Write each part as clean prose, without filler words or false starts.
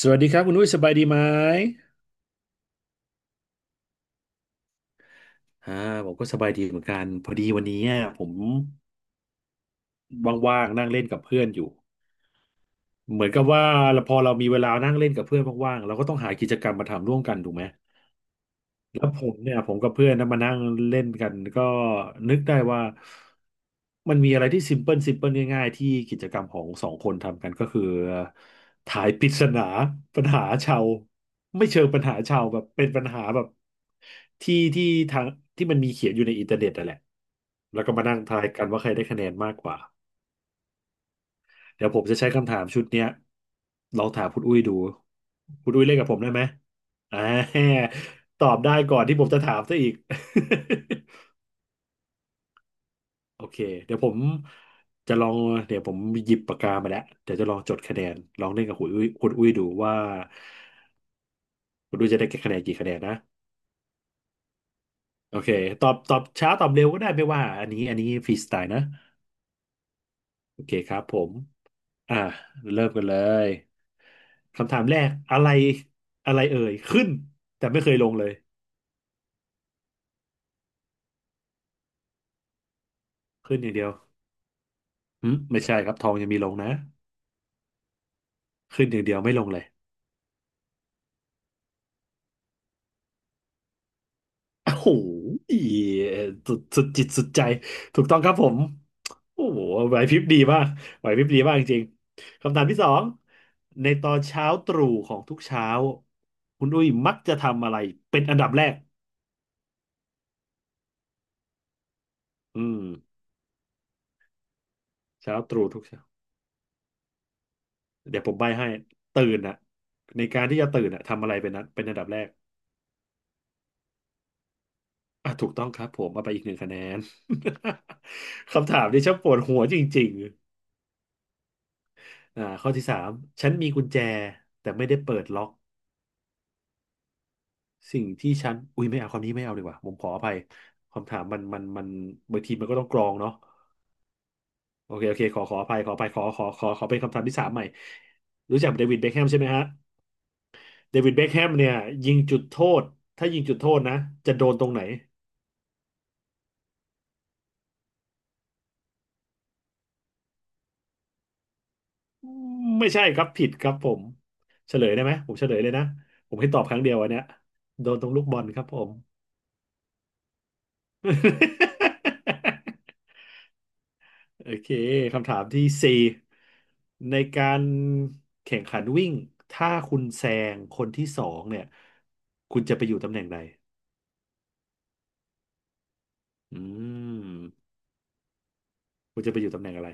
สวัสดีครับคุณอุ้ยสบายดีไหมอ่าผมก็สบายดีเหมือนกันพอดีวันนี้อะผมว่างๆนั่งเล่นกับเพื่อนอยู่เหมือนกับว่าพอเรามีเวลานั่งเล่นกับเพื่อนว่างๆเราก็ต้องหากิจกรรมมาทำร่วมกันถูกไหม แล้วผมเนี่ยผมกับเพื่อนนะมานั่งเล่นกันก็นึกได้ว่ามันมีอะไรที่ซิมเพิลซิมเพิลง่ายๆที่กิจกรรมของสองคนทำกันก็คือทายปริศนาปัญหาชาวไม่เชิงปัญหาชาวแบบเป็นปัญหาแบบที่ทางที่มันมีเขียนอยู่ในอินเทอร์เน็ตนั่นแหละแล้วก็มานั่งทายกันว่าใครได้คะแนนมากกว่า เดี๋ยวผมจะใช้คำถามชุดเนี้ยลองถามคุณอุ้ยดูคุณอุ้ยเล่นกับผมได้ไหมอ่า ตอบได้ก่อนที่ผมจะถามซะอีก โอเคเดี๋ยวผมจะลองเดี๋ยวผมหยิบปากกามาแล้วเดี๋ยวจะลองจดคะแนนลองเล่นกับคุณอุ้ยดูว่าคุณอุ้ยจะได้คะแนนกี่คะแนนนะโอเคตอบช้าตอบเร็วก็ได้ไม่ว่าอันนี้ฟรีสไตล์นะโอเคครับผม อ่าเริ่มกันเลยคำถามแรกอะไรอะไรเอ่ยขึ้นแต่ไม่เคยลงเลยขึ้นอย่างเดียวอืมไม่ใช่ครับทองยังมีลงนะขึ้นอย่างเดียวไม่ลงเลยโอ้โหสุดสุดจิตสุดใจถูกต้องครับผมโอ้โหไหวพริบดีมากไหวพริบดีมากจริงๆคำถามที่สองในตอนเช้าตรู่ของทุกเช้าคุณอุ้ยมักจะทำอะไรเป็นอันดับแรกอืมเช้าตรู่ทุกเช้า เดี๋ยวผมใบ้ให้ตื่นอะในการที่จะตื่นอะทำอะไรเป็นเป็นอันดับแรกอ่ะถูกต้องครับผมเอาไปอีกหนึ่งคะแนน คำถามนี้ช่างปวดหัวจริงๆข้อที่สามฉันมีกุญแจแต่ไม่ได้เปิดล็อกสิ่งที่ฉันอุ้ยไม่เอาคำนี้ไม่เอาดีกว่าผมขออภัยคำถามมันบางทีมันก็ต้องกรองเนาะโอเคขอขออภัยขออภัยขอขอขอขอเป็นคำถามที่สามใหม่รู้จักเดวิดเบ็คแฮมใช่ไหมฮะเดวิดเบ็คแฮมเนี่ยยิงจุดโทษถ้ายิงจุดโทษนะจะโดนตรงไหน ไม่ใช่ครับผิดครับผมเฉลยได้ไหมผมเฉลยเลยนะผมให้ตอบครั้งเดียวอันเนี้ยโดนตรงลูกบอลครับผม โอเคคำถามที่สี่ในการแข่งขันวิ่งถ้าคุณแซงคนที่สองเนี่ยคุณจะไปอยู่ตำแหน่งใดอืมคุณจะไปอยู่ตำแหน่งอะไร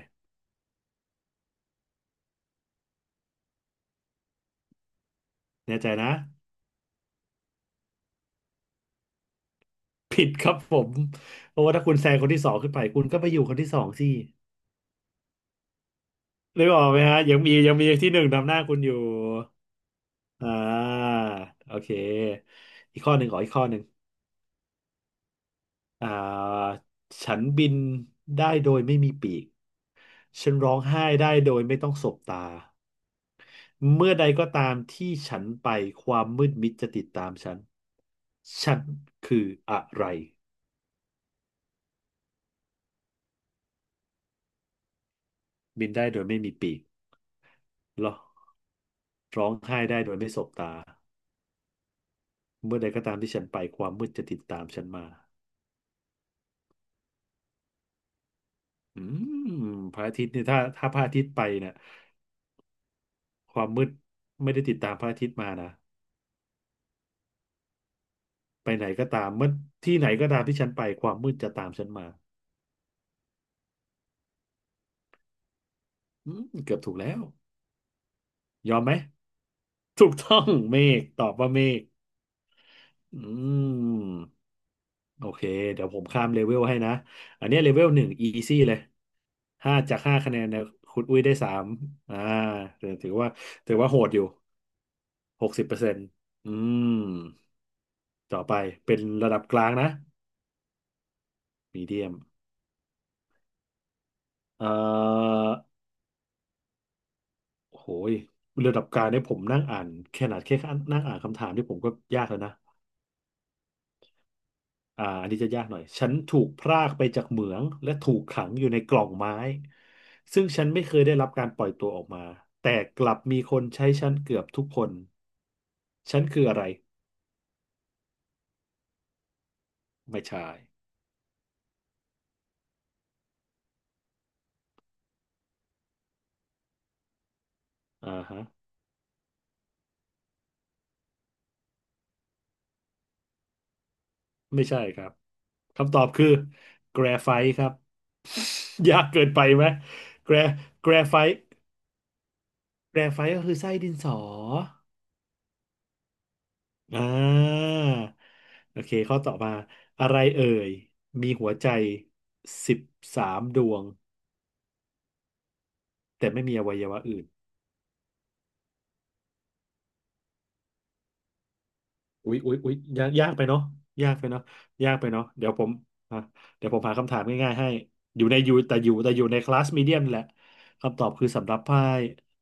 แน่ใจนะผิดครับผมเพราะว่าถ้าคุณแซงคนที่สองขึ้นไปคุณก็ไปอยู่คนที่สองสินึกออกไหมฮะยังมีที่หนึ่งนำหน้าคุณอยู่ อ่าโอเคอีกข้อหนึ่งขออีกข้อหนึ่งอ่าฉันบินได้โดยไม่มีปีกฉันร้องไห้ได้โดยไม่ต้องสบตาเมื่อใดก็ตามที่ฉันไปความมืดมิดจะติดตามฉันฉันคืออะไรบินได้โดยไม่มีปีกเหรอร้องไห้ได้โดยไม่สบตาเมื่อใดก็ตามที่ฉันไปความมืดจะติดตามฉันมาอืมพระอาทิตย์เนี่ยถ้าพระอาทิตย์ไปเนี่ยความมืดไม่ได้ติดตามพระอาทิตย์มานะ ไปไหนก็ตามเมื่อที่ไหนก็ตามที่ฉันไปความมืดจะตามฉันมาอืมเกือบถูกแล้วยอมไหมถูกต้องเมฆตอบว่าเมฆอืมโอเคเดี๋ยวผมข้ามเลเวลให้นะอันเนี้เลเวลหนึ่งอีซี่เลยห้าจากห้าคะแนนเนี่ยคุณอุ้ยได้สามอ่าถือถือว่าถือว่าโหดอยู่60%อืมต่อไปเป็นระดับกลางนะมีเดียมเอ่อ โหยระดับกลางเนี่ยผมนั่งอ่านแค่ขนาดแค่นั่งอ่านคำถามที่ผมก็ยากแล้วนะอันนี้จะยากหน่อยฉันถูกพรากไปจากเหมืองและถูกขังอยู่ในกล่องไม้ซึ่งฉันไม่เคยได้รับการปล่อยตัวออกมาแต่กลับมีคนใช้ฉันเกือบทุกคนฉันคืออะไรไม่ใช่อ่าฮะไม่ใช่ครับคำตอบคือแกรไฟต์ครับ ยากเกินไปไหมแกรแกรไฟต์แกรไฟต์ก็คือไส้ดินสอ อ่าโอเคข้อต่อมาอะไรเอ่ยมีหัวใจสิบสามดวงแต่ไม่มีอวัยวะอื่นอุ๊ยอุ๊ยอุ๊ยยากยากไปเนาะยากไปเนาะยากไปเนาะอ่ะเดี๋ยวผมหาคำถามง่ายๆให้อยู่ในอยู่แต่อยู่แต่อยู่ในคลาสมีเดียมแหละคำตอบคือสำรับไพ่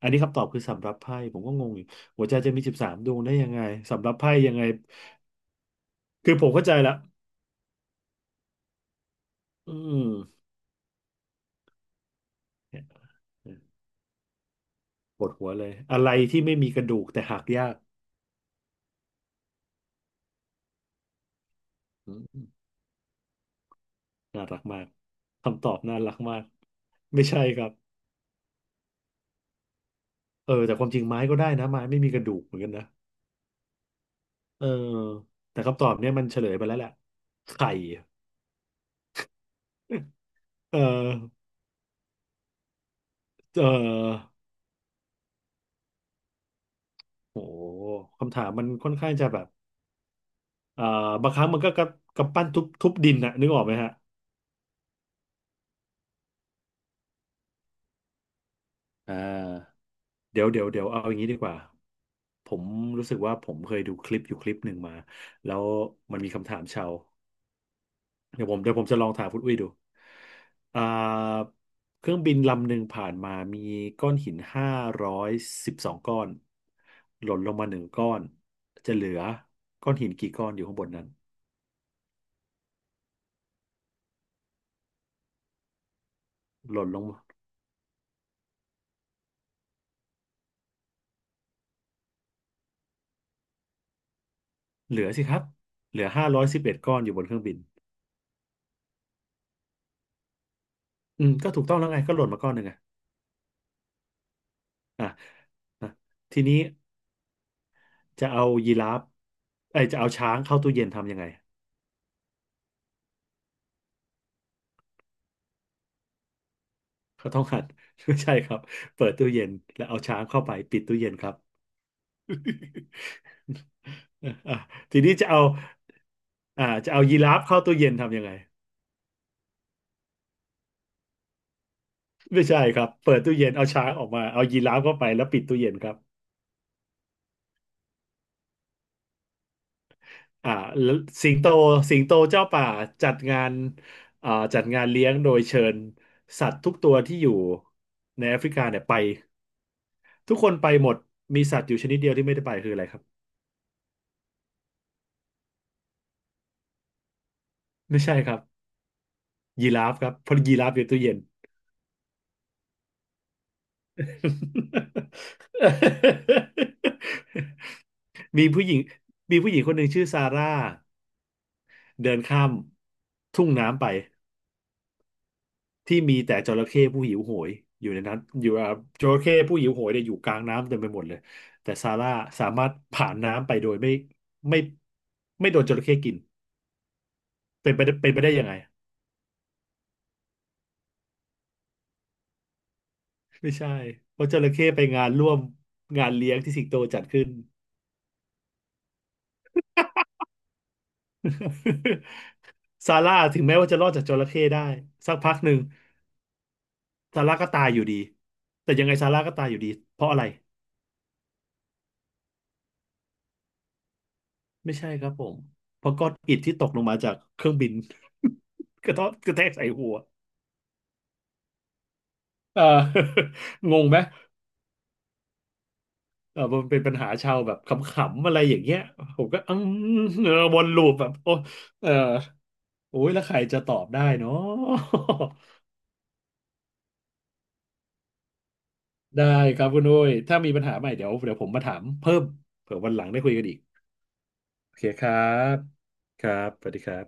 อันนี้คำตอบคือสำรับไพ่ผมก็งงอยู่หัวใจจะมีสิบสามดวงได้ยังไงสำรับไพ่ยังไงคือผมเข้าใจละอืมปวดหัวเลยอะไรที่ไม่มีกระดูกแต่หักยาก อืมน่ารักมากคำตอบน่ารักมากไม่ใช่ครับเออแต่ความจริงไม้ก็ได้นะไม้ไม่มีกระดูกเหมือนกันนะเออแต่คำตอบเนี่ยมันเฉลยไปแล้วแหละไข่เออเออโหคำถามมันค่อนข้างจะแบบเอ่อบางครั้งมันก็กระกำปั้นทุบทุบดินนะนึกออกไหมฮะอ่าเดี๋ยวเดี๋ยวเดี๋ยวเอาอย่างนี้ดีกว่า ผมรู้สึกว่าผมเคยดูคลิปอยู่คลิปหนึ่งมาแล้วมันมีคำถามชาว เดี๋ยวผมจะลองถามคุณอุ้ยดูอ่าเครื่องบินลำหนึ่งผ่านมามีก้อนหิน512ก้อน หล่นลงมาหนึ่งก้อน จะเหลือก้อนหินกี่ก้อนอยู่ข้างบนนั้น หล่นลงมาเหลือสิครับ เหลือ511ก้อนอยู่บนเครื่องบิน อืม ก็ถูกต้องแล้วไงก็หล่นมาก้อนหนึ่งไงอ่ะอ่ะทีนี้จะเอายีราฟจะเอาช้างเข้าตู้เย็นทำยังไงเขาต้องหัด ไม่ใช่ครับเปิดตู้เย็นแล้วเอาช้างเข้าไปปิดตู้เย็นครับ อ่ะอ่ะทีนี้จะเอายีราฟเข้าตู้เย็นทำยังไง ไม่ใช่ครับ เปิดตู้เย็นเอาช้างออกมาเอายีราฟเข้าไปแล้วปิดตู้เย็นครับอ่าแล้วสิงโตสิงโตเจ้าป่าจัดงานจัดงานเลี้ยงโดยเชิญสัตว์ทุกตัวที่อยู่ในแอฟริกาเนี่ยไป ทุกคนไปหมดมีสัตว์อยู่ชนิดเดียวที่ไม่ได้ไปคืออะไรครับไม่ใช่ครับยีราฟครับเพราะยีราฟอยู่ตู้เย็น มีผู้หญิงมีผู้หญิงคนหนึ่งชื่อซาร่า เดินข้ามทุ่งน้ำไปที่มีแต่จระเข้ผู้หิวโหยอยู่ในนั้นอยู่อ่ะจระเข้ผู้หิวโหยเนี่ยอยู่กลางน้ำเต็มไปหมดเลยแต่ซาร่าสามารถผ่านน้ำไปโดยไม่ไม่โดนจระเข้กินเป็นไปได้ยังไงไม่ใช่เพราะจระเข้ไปงานร่วมงานเลี้ยงที่สิงโตจัดขึ้น ซาร่าถึงแม้ว่าจะรอดจากจระเข้ได้สักพักหนึ่งซาร่าก็ตายอยู่ดีแต่ยังไงซาร่าก็ตายอยู่ดีเพราะอะไร ไม่ใช่ครับผมเพราะก้อนอิฐที่ตกลงมาจากเครื่องบิน กระทบกระแทกใส่หัวเอองงไหมเออมันเป็นปัญหาชาวแบบขำๆอะไรอย่างเงี้ยผมก็เออวนลูปแบบโอ้เออโอ้ยแล้วใครจะตอบได้เนาะ ได้ครับคุณอุ้ยถ้ามีปัญหาใหม่เดี๋ยวเดี๋ยวผมมาถามเพิ่มเผื่อวันหลังได้คุยกันอีกโอเคครับครับสวัสดีครับ